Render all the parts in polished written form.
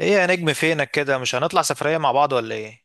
ايه يا نجم فينك كده؟ مش هنطلع سفرية مع بعض ولا ايه؟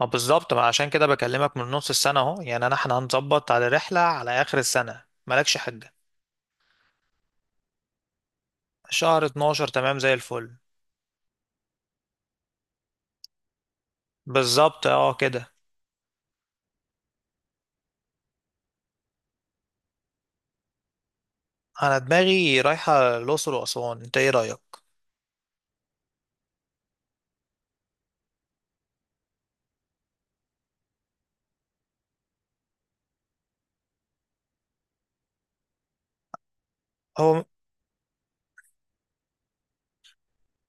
ما بالظبط، ما عشان كده بكلمك من نص السنة اهو. يعني احنا هنظبط على رحلة على اخر السنة، مالكش حاجة. شهر 12 تمام زي الفل. بالظبط، اه كده. انا دماغي رايحة الاقصر واسوان، انت ايه رأيك؟ هو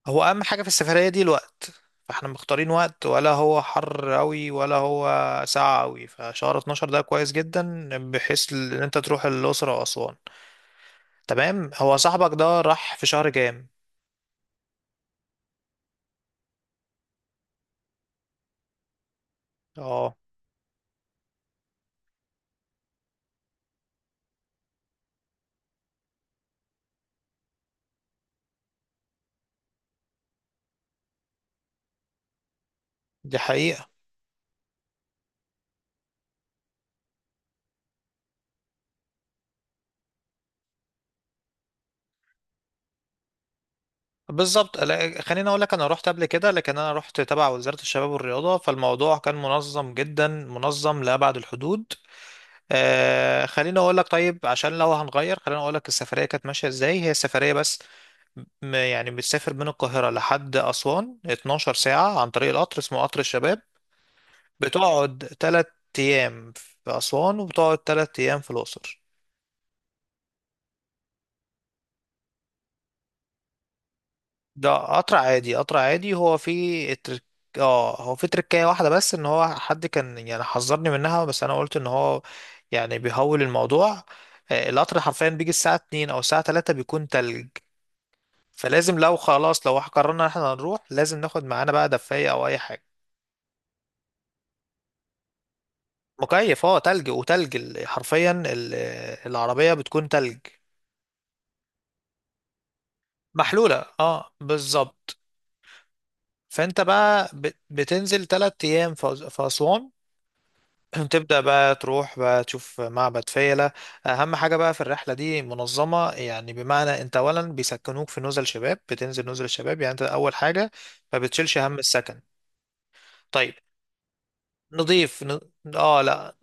هو اهم حاجة في السفرية دي الوقت، فاحنا مختارين وقت ولا هو حر قوي ولا هو ساقع قوي. فشهر 12 ده كويس جدا بحيث ان انت تروح الاقصر واسوان. تمام، هو صاحبك ده راح في شهر كام؟ اه دي حقيقة. بالظبط، لا، خليني اقول لك، انا رحت قبل كده لكن انا رحت تبع وزارة الشباب والرياضة، فالموضوع كان منظم جدا، منظم لأبعد الحدود. خليني اقول لك طيب، عشان لو هنغير خليني اقول لك السفرية كانت ماشية ازاي، هي السفرية بس. يعني بتسافر من القاهرة لحد أسوان 12 ساعة عن طريق القطر، اسمه قطر الشباب. بتقعد 3 أيام في أسوان، وبتقعد 3 أيام في الأقصر. ده قطر عادي، قطر عادي. هو في الترك... اه هو في تركية واحدة، بس ان هو حد كان يعني حذرني منها، بس انا قلت ان هو يعني بيهول الموضوع. القطر حرفيا بيجي الساعة 2 او الساعة 3 بيكون تلج. فلازم لو خلاص لو قررنا ان احنا هنروح، لازم ناخد معانا بقى دفاية او اي حاجة. مكيف، اه، تلج، وتلج حرفيا العربية بتكون تلج. محلولة، اه، بالظبط. فانت بقى بتنزل تلات ايام في اسوان. تبدأ بقى تروح بقى تشوف معبد فيلة. أهم حاجة بقى في الرحلة دي، منظمة، يعني بمعنى أنت أولا بيسكنوك في نزل شباب، بتنزل نزل الشباب. يعني أنت أول حاجة ما بتشيلش هم السكن. طيب، نضيف ن... آه لا،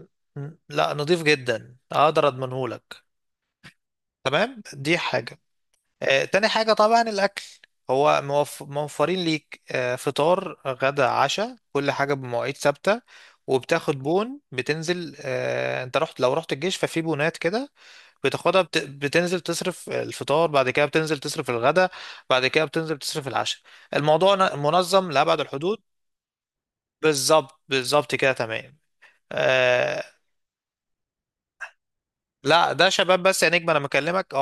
لا، نضيف جدا، أقدر أضمنهولك. تمام، دي حاجة. تاني حاجة طبعا الأكل، هو موفرين ليك، فطار غدا عشاء، كل حاجة بمواعيد ثابتة. وبتاخد بون، بتنزل، انت رحت لو رحت الجيش، ففي بونات كده. بتاخدها، بتنزل تصرف الفطار، بعد كده بتنزل تصرف الغدا، بعد كده بتنزل تصرف العشاء. الموضوع منظم لأبعد الحدود. بالظبط، بالظبط كده تمام. آه، لا ده شباب بس يا نجم، انا بكلمك اه.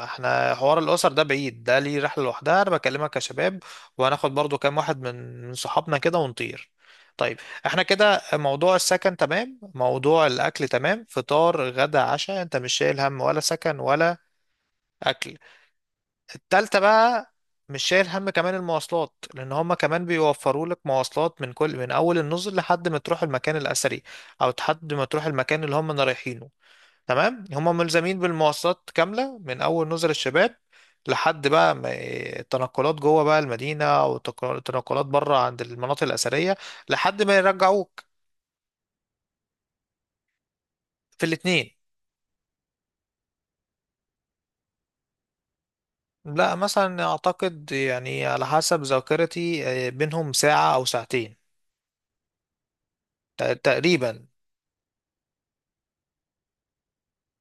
احنا حوار الاسر ده بعيد، ده ليه رحله لوحدها، انا بكلمك كشباب. وهناخد برضو كام واحد من صحابنا كده، ونطير. طيب، احنا كده موضوع السكن تمام، موضوع الاكل تمام، فطار غدا عشاء، انت مش شايل هم ولا سكن ولا اكل. التالتة بقى، مش شايل هم كمان المواصلات، لان هما كمان بيوفروا لك مواصلات من كل، من اول النزل لحد ما تروح المكان الاثري، او لحد ما تروح المكان اللي هما رايحينه. تمام، هم ملزمين بالمواصلات كاملة من أول نزل الشباب لحد بقى التنقلات جوه بقى المدينة، أو التنقلات بره عند المناطق الأثرية، لحد ما يرجعوك. في الاتنين. لا مثلا أعتقد، يعني على حسب ذاكرتي، بينهم ساعة أو ساعتين تقريبا.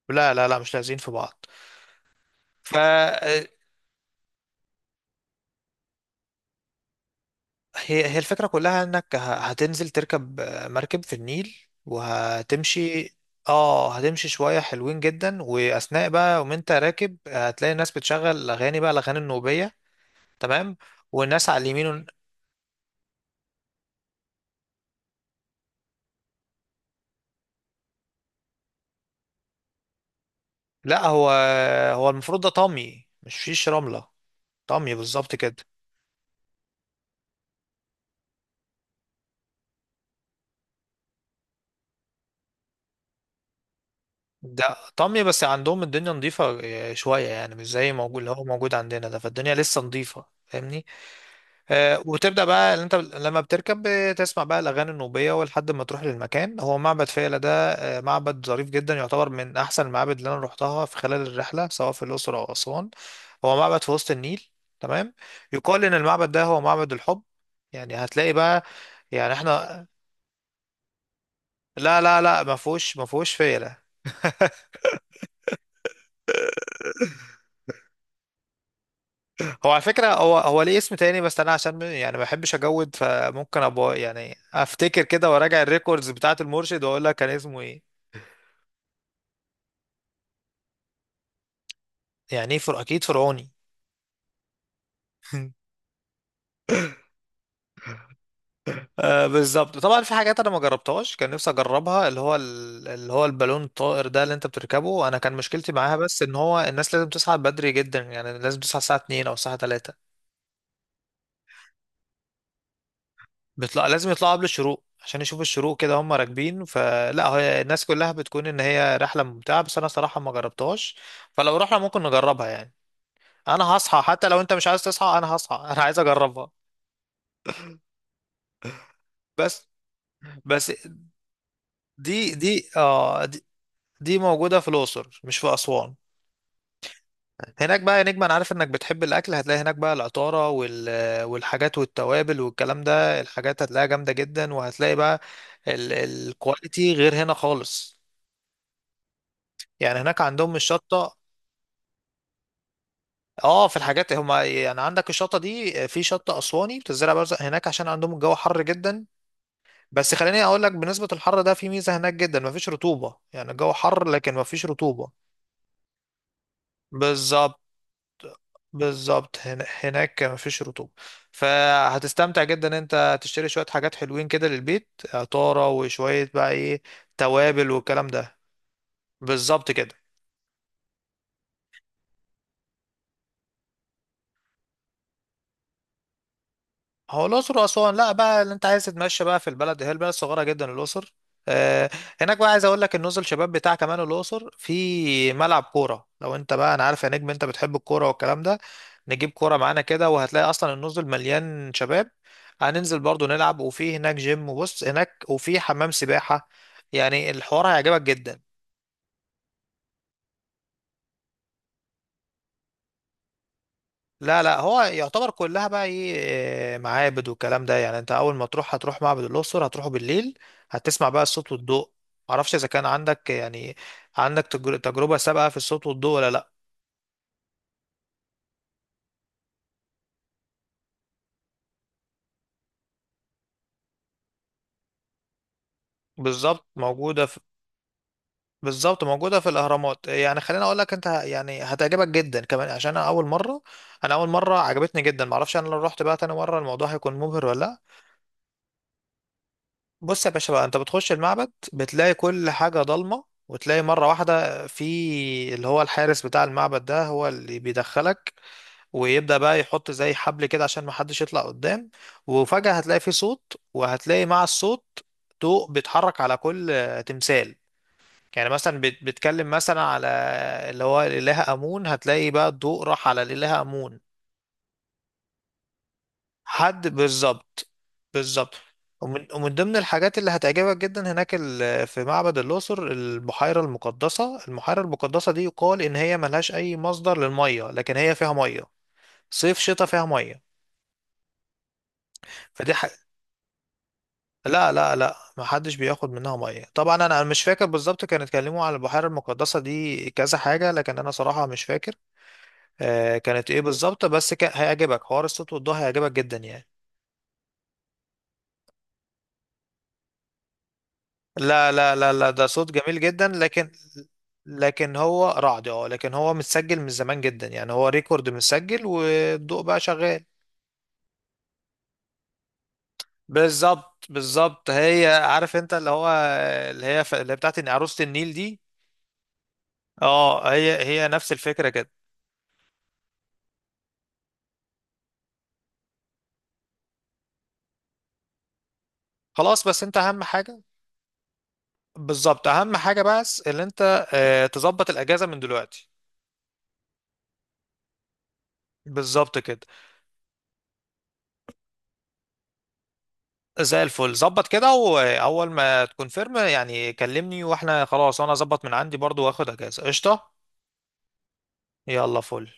لا لا لا، مش لازقين في بعض. هي الفكرة كلها، انك هتنزل تركب مركب في النيل وهتمشي. اه هتمشي شوية حلوين جدا، واثناء بقى وانت راكب، هتلاقي الناس بتشغل اغاني، بقى الاغاني النوبية. تمام. والناس على اليمين لا هو، المفروض ده طمي، مش فيش رملة. طمي بالظبط كده. ده طمي، بس عندهم الدنيا نظيفة، شوية يعني، مش زي موجود اللي هو موجود عندنا ده، فالدنيا لسه نظيفة، فاهمني؟ وتبدأ بقى، اللي انت لما بتركب بتسمع بقى الأغاني النوبية، ولحد ما تروح للمكان هو معبد فيلة ده. معبد ظريف جدا، يعتبر من أحسن المعابد اللي أنا روحتها في خلال الرحلة، سواء في الأقصر أو أسوان. هو معبد في وسط النيل. تمام. يقال إن المعبد ده هو معبد الحب. يعني هتلاقي بقى، يعني احنا، لا لا لا، ما فيهوش، فيلة. هو على فكرة هو ليه اسم تاني، بس أنا عشان يعني ما بحبش أجود، فممكن أبقى يعني أفتكر كده وأراجع الريكوردز بتاعة المرشد وأقول لك كان اسمه إيه. يعني ايه؟ اكيد فرعوني. آه بالظبط، طبعا في حاجات انا ما جربتهاش كان نفسي اجربها، اللي هو اللي هو البالون الطائر ده اللي انت بتركبه. انا كان مشكلتي معاها بس ان هو الناس لازم تصحى بدري جدا، يعني لازم تصحى الساعه 2 او الساعه 3. بيطلع، لازم يطلعوا قبل الشروق عشان يشوفوا الشروق كده هم راكبين. فلا هي الناس كلها بتكون ان هي رحله ممتعه، بس انا صراحه ما جربتهاش. فلو رحنا ممكن نجربها يعني. انا هصحى، حتى لو انت مش عايز تصحى انا هصحى. انا عايز اجربها. بس بس دي دي موجودة في الأقصر مش في أسوان. هناك بقى يا نجم، أنا عارف إنك بتحب الأكل، هتلاقي هناك بقى العطارة والحاجات والتوابل والكلام ده، الحاجات هتلاقيها جامدة جدا، وهتلاقي بقى ال... الكواليتي غير هنا خالص. يعني هناك عندهم الشطة. اه في الحاجات، هما يعني عندك الشطة دي، في شطة أسواني بتزرع برزق هناك عشان عندهم الجو حر جدا. بس خليني أقول لك، بالنسبة للحر ده في ميزة هناك جدا، مفيش رطوبة. يعني الجو حر لكن مفيش رطوبة. بالظبط، بالظبط، هنا هناك مفيش رطوبة. فهتستمتع جدا، انت تشتري شوية حاجات حلوين كده للبيت، عطارة وشوية بقى ايه، توابل والكلام ده. بالظبط كده. هو الأقصر وأسوان، لا بقى اللي أنت عايز تتمشى بقى في البلد، هي البلد صغيرة جدا الأقصر. آه، هناك بقى عايز أقول لك النزل شباب بتاع كمان الأقصر في ملعب كورة، لو أنت بقى، أنا عارف يا نجم أنت بتحب الكورة والكلام ده. نجيب كورة معانا كده، وهتلاقي أصلا النزل مليان شباب. هننزل برضو نلعب، وفي هناك جيم، وبص هناك وفي حمام سباحة. يعني الحوار هيعجبك جدا. لا لا، هو يعتبر كلها بقى ايه، معابد والكلام ده. يعني انت اول ما تروح هتروح معبد الاقصر، هتروحه بالليل، هتسمع بقى الصوت والضوء. معرفش اذا كان عندك يعني عندك تجربة سابقة في الصوت والضوء ولا لا. بالظبط موجودة في بالظبط موجودة في الأهرامات. يعني خليني أقول لك، أنت يعني هتعجبك جدا كمان، عشان أنا أول مرة عجبتني جدا. معرفش أنا لو رحت بقى تاني مرة الموضوع هيكون مبهر ولا لأ. بص يا باشا بقى، انت بتخش المعبد بتلاقي كل حاجة ضلمة، وتلاقي مرة واحدة في اللي هو الحارس بتاع المعبد ده هو اللي بيدخلك، ويبدأ بقى يحط زي حبل كده عشان محدش يطلع قدام. وفجأة هتلاقي في صوت، وهتلاقي مع الصوت ضوء بيتحرك على كل تمثال. يعني مثلا بتكلم مثلا على اللي هو الإله آمون، هتلاقي بقى الضوء راح على الإله آمون. حد بالظبط، بالظبط. ومن ضمن الحاجات اللي هتعجبك جدا هناك في معبد الأقصر البحيرة المقدسة. البحيرة المقدسة دي يقال إن هي ملهاش أي مصدر للمية، لكن هي فيها مية، صيف شتاء فيها مية. فدي ح... لا لا لا، محدش بياخد منها مية طبعا. أنا مش فاكر بالظبط، كانوا اتكلموا على البحيرة المقدسة دي كذا حاجة، لكن أنا صراحة مش فاكر آه كانت إيه بالظبط. هيعجبك حوار الصوت والضوء، هيعجبك جدا يعني. لا لا لا لا، ده صوت جميل جدا، لكن، لكن هو رعد اه، لكن هو متسجل من زمان جدا، يعني هو ريكورد متسجل والضوء بقى شغال. بالظبط، بالظبط، هي عارف انت اللي هو، اللي هي اللي هي بتاعت إن عروسة النيل دي. اه هي نفس الفكرة كده. خلاص، بس انت اهم حاجة. بالظبط، اهم حاجة بس اللي انت تظبط الاجازة من دلوقتي. بالظبط كده. زي الفل، ظبط كده، واول ما تكون فيرم يعني كلمني، واحنا خلاص انا اظبط من عندي برضو واخد اجازة قشطة. يلا فل.